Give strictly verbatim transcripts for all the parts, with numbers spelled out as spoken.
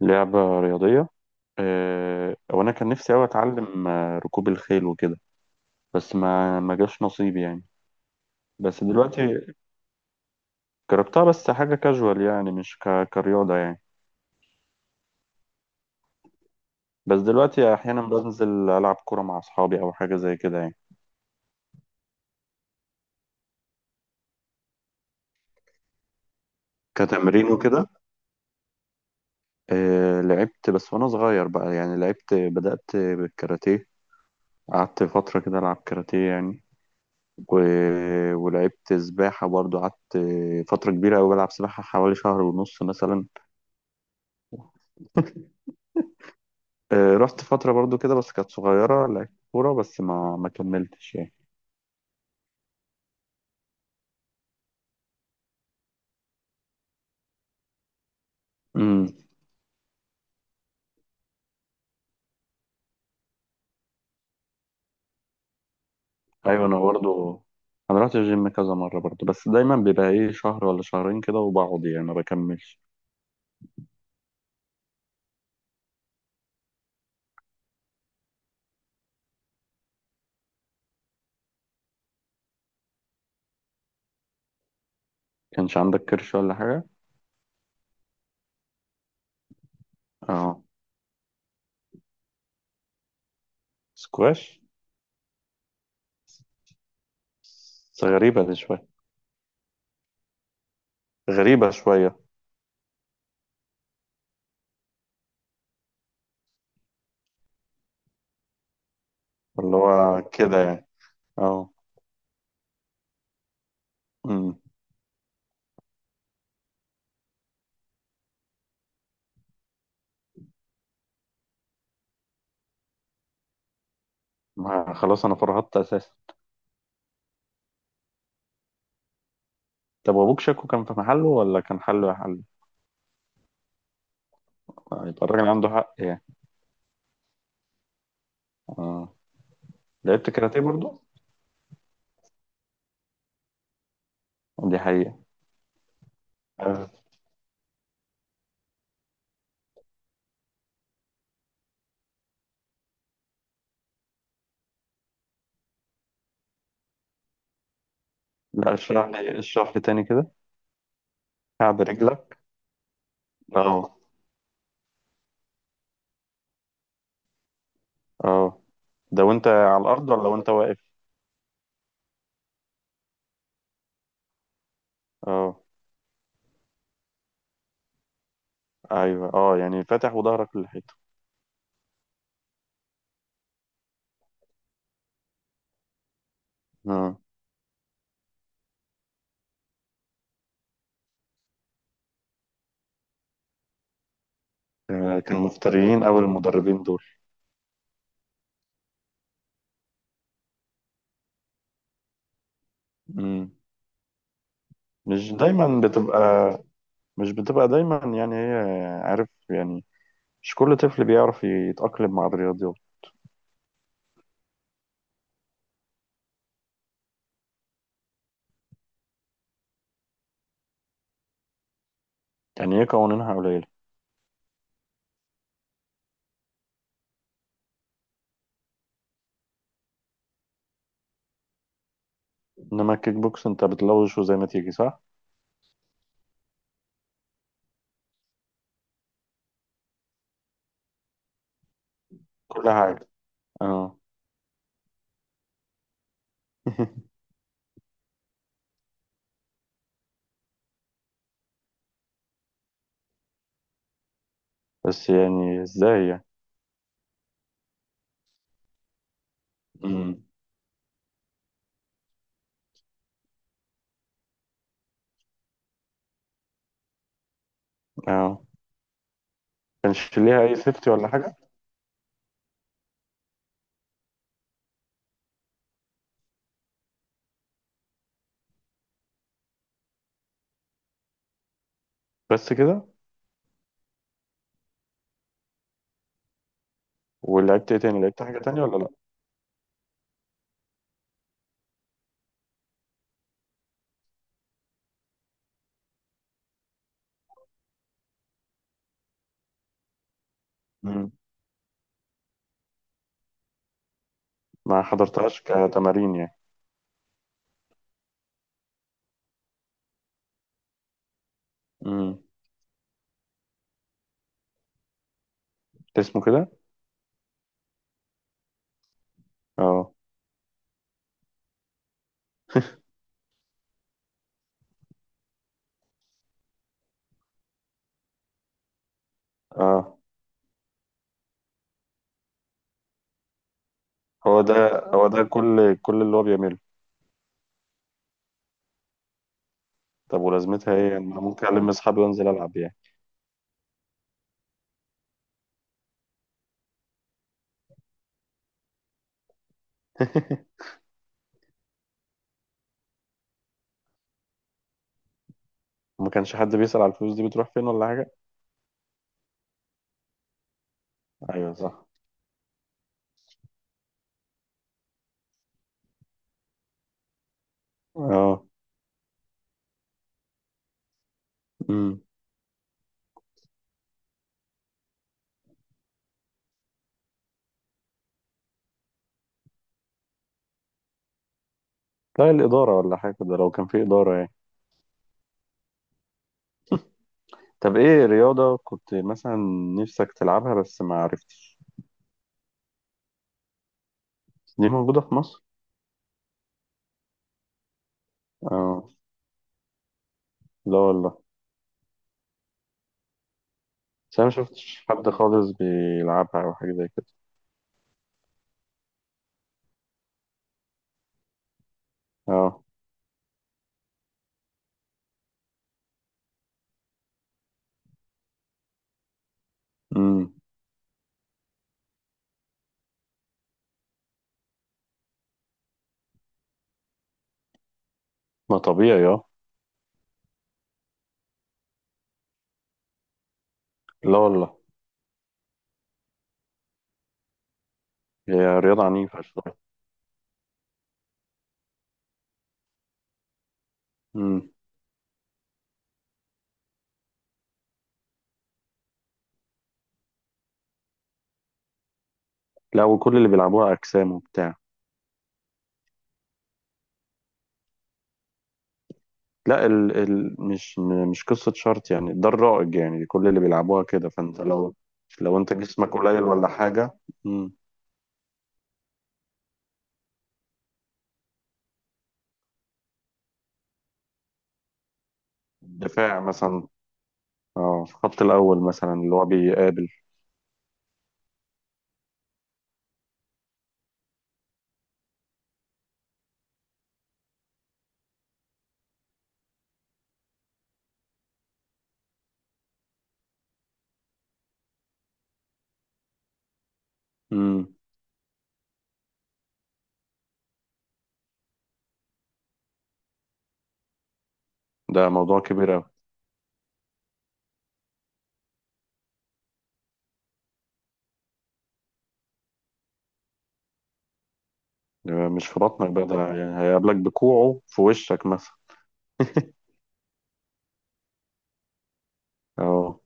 لعبة رياضية. آه، وأنا كان نفسي أوي أتعلم آه، ركوب الخيل وكده. بس ما ما جاش نصيبي يعني. بس دلوقتي. جربتها بس حاجة كاجوال يعني مش ك... كرياضة يعني. بس دلوقتي أحيانا بنزل ألعب كورة مع أصحابي أو حاجة زي كده يعني. كتمرين وكده. آه، لعبت بس وأنا صغير بقى يعني لعبت بدأت بالكاراتيه. قعدت فترة كده ألعب كاراتيه يعني. و... ولعبت سباحة برضو قعدت فترة كبيرة أوي بلعب سباحة حوالي شهر ونص مثلا. آه، رحت فترة برضو كده بس كانت صغيرة لعبت كورة بس ما ما كملتش يعني. امم. ايوه انا برضو. انا رحت الجيم كذا مرة برضو بس دايما بيبقى ايه شهر ولا شهرين كده وبقعد يعني ما بكملش. كانش عندك كرش ولا حاجة؟ اه. سكواش. بس غريبة دي شوية. غريبة شوية. اللي هو كده يعني. اه. امم. ما- خلاص انا فرهدت اساسا. طب وابوك شكو كان في محله ولا كان حله يا حل؟ آه، يبقى الراجل عنده حق يعني. اه. لعبت كاراتيه برضو. دي حقيقة. آه. لا، اشرح لي اشرح لي تاني كده. قاعد رجلك. اه. اه. ده وانت على الارض ولا وانت واقف؟ اه. ايوه، اه، يعني فاتح وظهرك للحيطه. اه. آه، كانوا مفتريين او المدربين دول؟ مم. مش دايما بتبقى. مش بتبقى دايما يعني هي عارف يعني. مش كل طفل بيعرف يتأقلم مع الرياضيات. يعني هي قوانينها قليلة؟ انما الكيك بوكس انت بتلوش وزي ما تيجي، صح؟ كل حاجة. اه. بس يعني ازاي يعني؟ مم. اه. كانش ليها اي سيفتي ولا حاجه؟ بس كده؟ ولعبت ايه تاني؟ لعبت حاجه تانية ولا لا؟ مم. ما حضرتهاش كتمارين يعني. مم. اسمه كده؟ اه. اه. هو ده. هو ده كل كل اللي هو بيعمله. طب ولازمتها ايه يعني؟ انا ممكن اكلم اصحابي وانزل العب يعني. ما كانش حد بيسأل على الفلوس دي بتروح فين ولا حاجه؟ ايوه، صح. اه. امم. لا الاداره ولا حاجه، ده لو كان في اداره يعني. طب ايه رياضه كنت مثلا نفسك تلعبها بس ما عرفتش؟ دي موجوده في مصر؟ اه. لا والله. بس انا ما شفتش حد خالص بيلعبها او حاجه زي كده. اه. امم. ما طبيعي، اه. لا والله. هي رياضه عنيفه شويه. امم. لا، وكل اللي بيلعبوها اجسام وبتاع؟ لا، ال... ال... مش م- مش قصه شرط يعني، ده الرائج يعني كل اللي بيلعبوها كده، فانت لو. لو انت جسمك قليل ولا حاجه؟ امم. دفاع مثلا. اه، في الخط الاول مثلا اللي هو بيقابل. امم. ده موضوع كبير قوي. مش في بطنك بقى ده، يعني هيقابلك بكوعه في وشك مثلا. اه،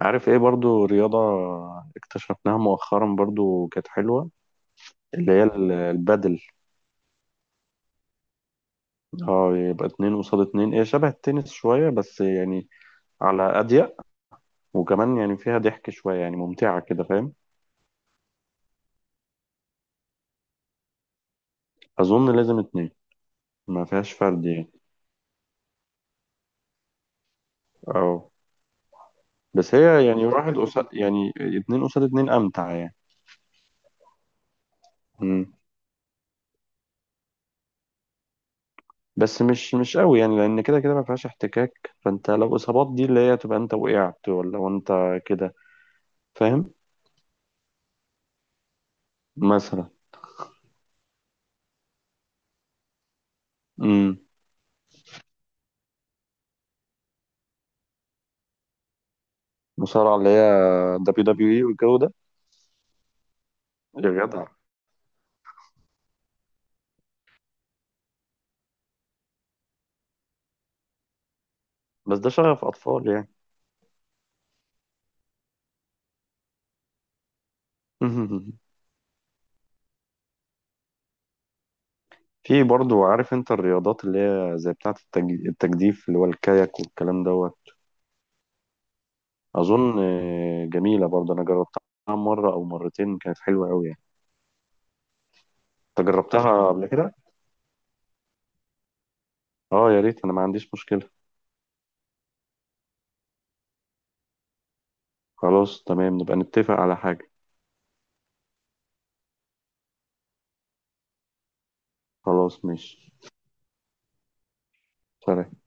عارف ايه برضو رياضة اكتشفناها مؤخرا برضو كانت حلوة. اللي هي ال- البادل. اه، يبقى اتنين قصاد اتنين، هي شبه التنس شوية بس يعني، على أضيق، وكمان يعني فيها ضحك شوية، يعني ممتعة كده، فاهم؟ أظن لازم اتنين. ما فيهاش فرد يعني. اه. بس هي يعني واحد قصاد، يعني اتنين قصاد اتنين أمتع يعني. مم. بس مش مش قوي يعني، لأن كده كده ما فيهاش احتكاك، فأنت لو إصابات دي اللي هي تبقى، أنت وقعت، ولا وأنت كده. فاهم. مثلا. مم. مصارعة، اللي هي دبليو دبليو اي والجو ده؟ يا جدع. بس ده شغف أطفال يعني. في برضو عارف انت الرياضات اللي هي زي بتاعة التج- التجديف، اللي هو الكاياك والكلام دوت؟ أظن. آه، جميلة برضو أنا جربتها مرة أو مرتين، كانت حلوة أوي يعني. أنت جربتها قبل كده؟ أه، يا ريت، أنا ما عنديش مشكلة. خلاص تمام، نبقى نتفق على حاجة. خلاص ماشي. سلام.